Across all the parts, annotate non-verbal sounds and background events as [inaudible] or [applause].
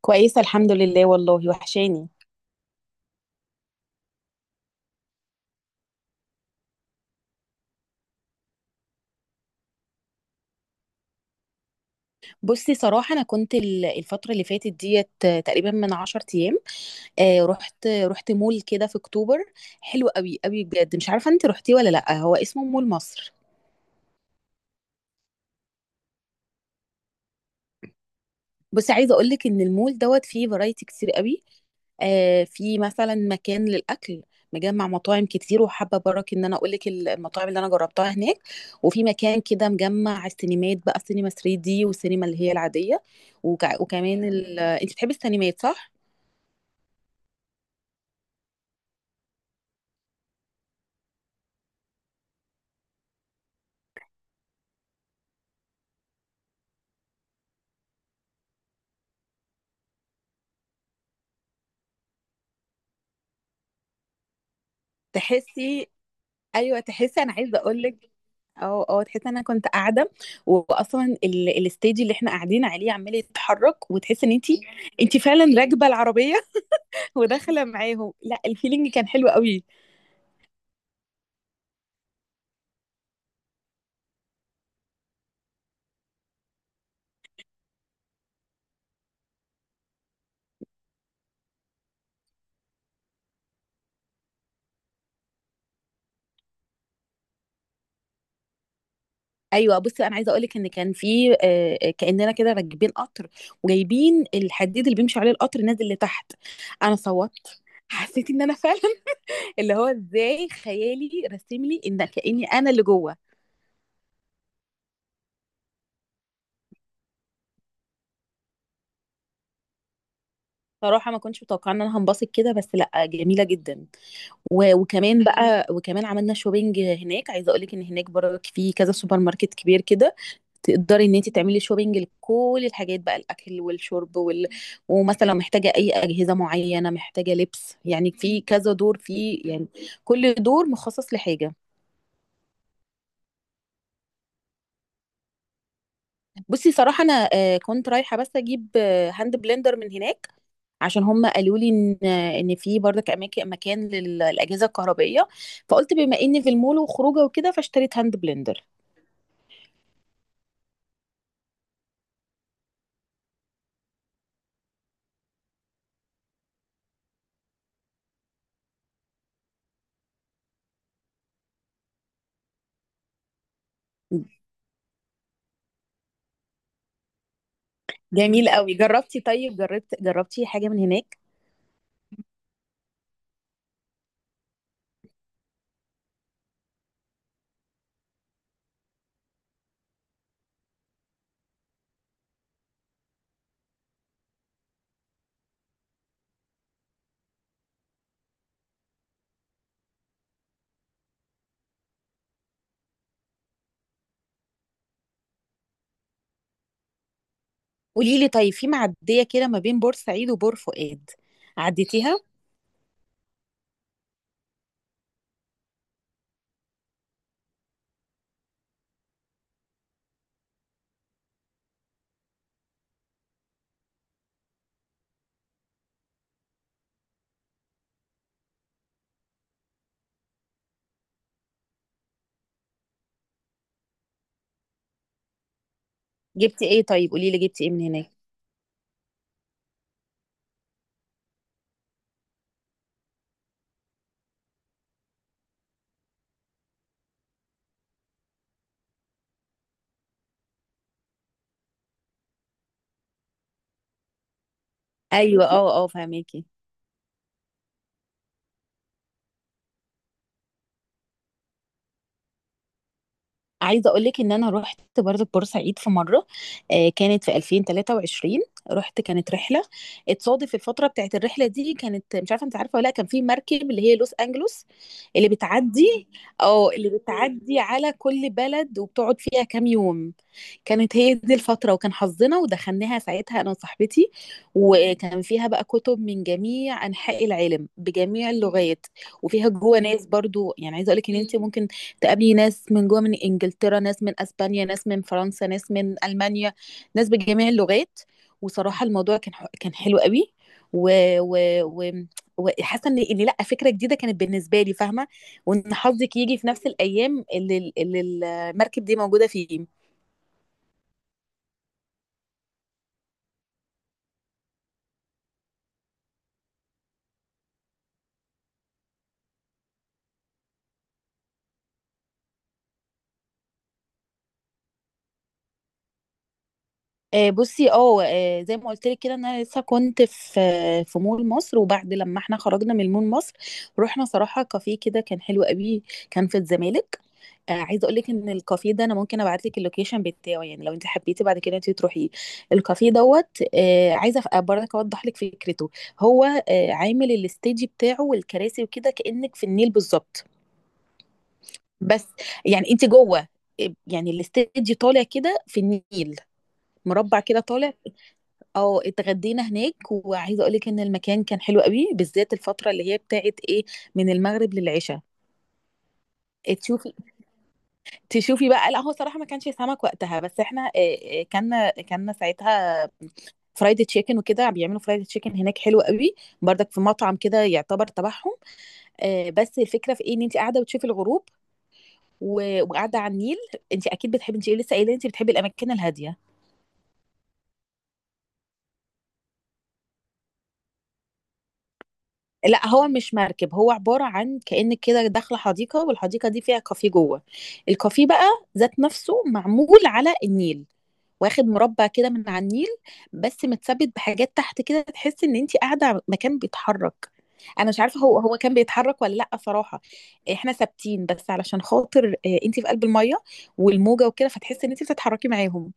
كويسة، الحمد لله، والله وحشاني. بصي، صراحة أنا كنت الفترة اللي فاتت ديت تقريبا من 10 أيام. رحت مول كده في أكتوبر. حلو قوي قوي بجد. مش عارفة أنت رحتي ولا لأ، هو اسمه مول مصر. بصي، عايزه اقول لك ان المول دوت فيه فرايتي كتير قوي. في مثلا مكان للاكل، مجمع مطاعم كتير، وحابه برك ان انا اقول لك المطاعم اللي انا جربتها هناك. وفي مكان كده مجمع السينمات بقى، السينما 3D والسينما اللي هي العاديه. وكمان انت بتحبي السينمات، صح؟ تحسي ايوه تحسي، انا عايزه اقول لك. اه، اه، تحس ان انا كنت قاعده، واصلا الستيج اللي احنا قاعدين عليه عمال يتحرك، وتحس ان انت فعلا راكبه العربيه وداخله معاهم. لا الفيلينج كان حلو قوي. ايوه، بصي انا عايزه اقولك ان كان في، كاننا كده راكبين قطر وجايبين الحديد اللي بيمشي عليه القطر نازل لتحت. انا صوت، حسيت ان انا فعلا [laughs] اللي هو ازاي خيالي رسم لي ان كاني انا اللي جوه. صراحه، ما كنتش متوقعه ان انا هنبسط كده، بس لا جميله جدا. وكمان عملنا شوبينج هناك. عايزه اقولك ان هناك برضك في كذا سوبر ماركت كبير كده، تقدري ان انت تعملي شوبينج لكل الحاجات بقى، الاكل والشرب ومثلا لو محتاجه اي اجهزه معينه، محتاجه لبس، يعني في كذا دور، في يعني كل دور مخصص لحاجه. بصي، صراحه انا كنت رايحه بس اجيب هاند بلندر من هناك. عشان هم قالوا لي ان في برضك مكان للاجهزه الكهربائيه. فقلت بما اني في المول وخروجه وكده، فاشتريت هاند بلندر. جميل قوي. جربتي طيب، جربتي حاجه من هناك؟ قولي لي، طيب في معدية كده ما بين بورسعيد وبور فؤاد، عديتيها؟ جبتي ايه طيب؟ قولي لي جبتي ايه من هناك. ايوه، اه، اه، فهميكي. عايزه اقول لك ان انا رحت برضه بورسعيد في مره، كانت في 2023. كانت رحله. اتصادف الفتره بتاعت الرحله دي كانت، مش عارفه انت عارفه ولا لا، كان في مركب اللي هي لوس انجلوس، اللي بتعدي اللي بتعدي على كل بلد وبتقعد فيها كام يوم. كانت هي دي الفتره، وكان حظنا ودخلناها ساعتها انا وصاحبتي. وكان فيها بقى كتب من جميع انحاء العالم بجميع اللغات، وفيها جوه ناس برضو. يعني عايزه اقول لك ان انت ممكن تقابلي ناس من جوه، من انجلترا، ناس من اسبانيا، ناس من فرنسا، ناس من المانيا، ناس بجميع اللغات. وصراحه الموضوع كان حلو قوي. و و و وحاسه ان لا، فكره جديده كانت بالنسبه لي، فاهمه. وان حظك يجي في نفس الايام اللي المركب دي موجوده فيه. بصي، زي ما قلت لك كده إن انا لسه كنت في مول مصر، وبعد لما احنا خرجنا من مول مصر رحنا صراحه كافيه كده كان حلو قوي. كان في الزمالك. عايزه اقول لك ان الكافيه ده انا ممكن ابعت لك اللوكيشن بتاعه، يعني لو انت حبيتي بعد كده انت تروحي الكافيه دوت. عايزه برضك اوضح لك فكرته. هو عامل الستيج بتاعه والكراسي وكده كانك في النيل بالظبط، بس يعني انت جوه. يعني الستيج طالع كده في النيل، مربع كده طالع. اه، اتغدينا هناك. وعايزه اقول لك ان المكان كان حلو قوي، بالذات الفتره اللي هي بتاعت ايه، من المغرب للعشاء. تشوفي تشوفي بقى، لا هو صراحة ما كانش سمك وقتها، بس احنا كان ساعتها فرايد تشيكن وكده. بيعملوا فرايد تشيكن هناك حلو قوي. برضك في مطعم كده يعتبر تبعهم. بس الفكرة في ايه، ان انت قاعدة بتشوفي الغروب وقاعدة على النيل. انت اكيد بتحبي، انت لسه قايلة انت بتحبي الاماكن الهادية. لا هو مش مركب، هو عبارة عن كأنك كده داخلة حديقة، والحديقة دي فيها كافيه جوه. الكافيه بقى ذات نفسه معمول على النيل، واخد مربع كده من على النيل، بس متثبت بحاجات تحت كده. تحس ان انت قاعده على مكان بيتحرك. انا مش عارفه، هو كان بيتحرك ولا لا صراحه. احنا ثابتين، بس علشان خاطر انت في قلب الميه والموجه وكده، فتحس ان انت بتتحركي معاهم.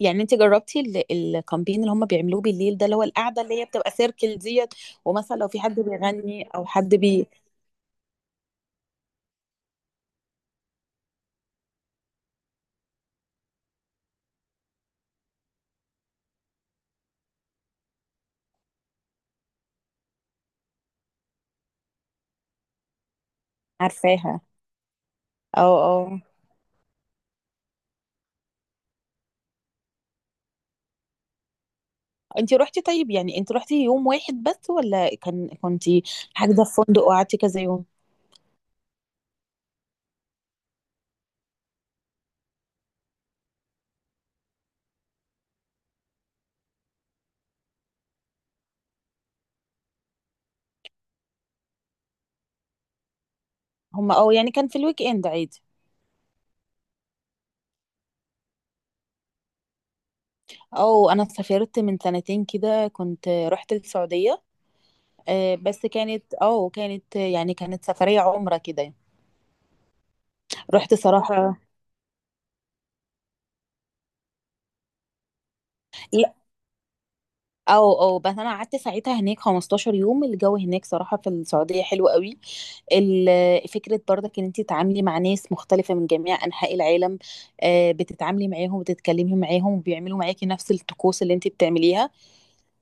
يعني انت جربتي الكامبين اللي هم بيعملوه بالليل ده، اللي هو القعده اللي هي بتبقى سيركل ديت، ومثلا لو في حد بيغني او حد. عارفاها. اه، اه، انت روحتي طيب، يعني انت روحتي يوم واحد بس، ولا كنتي حاجزه في فندق وقعدتي كذا يوم؟ هم، اه، يعني كان في الويك اند عادي. اه، انا سافرت من سنتين كده كنت رحت السعودية. بس كانت يعني كانت سفرية عمرة كده. رحت صراحة. لا. او بس انا قعدت ساعتها هناك 15 يوم. الجو هناك صراحة في السعودية حلو قوي. فكرة برضك ان انت تتعاملي مع ناس مختلفة من جميع انحاء العالم، بتتعاملي معاهم وتتكلمي معاهم وبيعملوا معاكي نفس الطقوس اللي انت بتعمليها.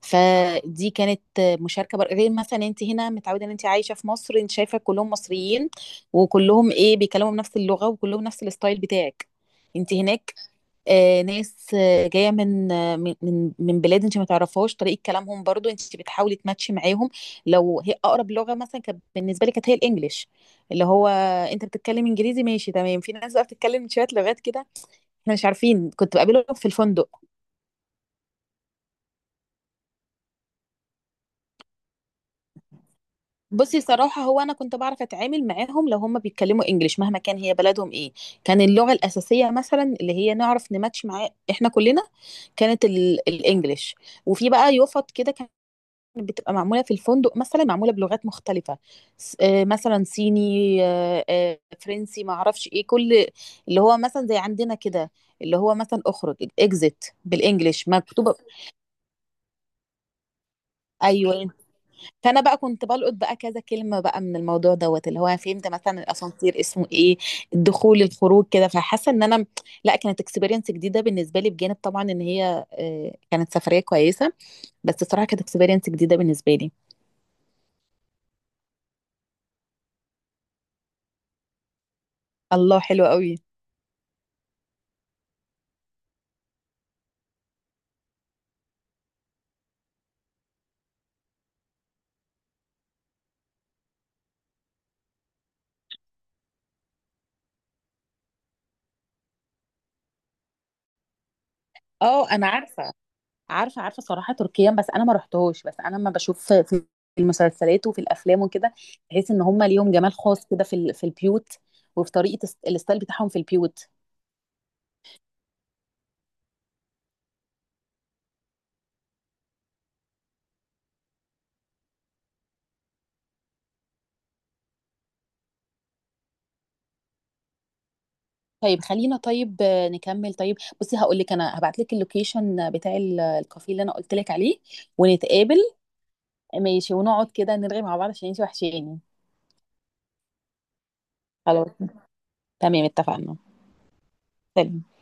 فدي كانت مشاركه غير مثلا انت هنا متعوده ان انت عايشه في مصر، انت شايفه كلهم مصريين، وكلهم ايه بيتكلموا بنفس اللغه، وكلهم نفس الستايل بتاعك. انت هناك ناس جايه من آه من من من بلاد انت ما تعرفهاش، طريقه كلامهم برضو انت بتحاولي تماتشي معاهم. لو هي اقرب لغه مثلا كانت بالنسبه لي، كانت هي الانجليش. اللي هو انت بتتكلم انجليزي، ماشي تمام. في ناس بقى بتتكلم شويه لغات كده، احنا مش عارفين. كنت بقابلهم في الفندق. بصي، صراحة هو أنا كنت بعرف أتعامل معاهم لو هما بيتكلموا إنجليش، مهما كان هي بلدهم إيه. كان اللغة الأساسية مثلا، اللي هي نعرف نماتش معاه إحنا كلنا، كانت الإنجليش. وفي بقى يفط كده كانت بتبقى معمولة في الفندق، مثلا معمولة بلغات مختلفة. مثلا صيني، فرنسي، معرفش إيه. كل اللي هو مثلا زي عندنا كده، اللي هو مثلا أخرج، إكزيت بالإنجليش مكتوبة. أيوه. فانا بقى كنت بلقط بقى كذا كلمه بقى من الموضوع دوت، اللي هو فهمت مثلا الاسانسير اسمه ايه، الدخول الخروج كده، فحاسه ان انا، لا، كانت اكسبيرينس جديده بالنسبه لي، بجانب طبعا ان هي كانت سفريه كويسه. بس الصراحه كانت اكسبيرينس جديده بالنسبه لي. الله، حلو قوي. اه، انا عارفه، عارفه عارفه صراحه تركيا، بس انا ما رحتهوش. بس انا لما بشوف في المسلسلات وفي الافلام وكده، بحس ان هم ليهم جمال خاص كده في البيوت، وفي طريقه الستايل بتاعهم في البيوت. طيب خلينا، طيب نكمل. طيب بصي، هقول لك انا هبعت لك اللوكيشن بتاع الكافيه اللي انا قلت لك عليه، ونتقابل. ماشي، ونقعد كده نرغي مع بعض عشان انتي وحشاني. خلاص، تمام، اتفقنا. سلام.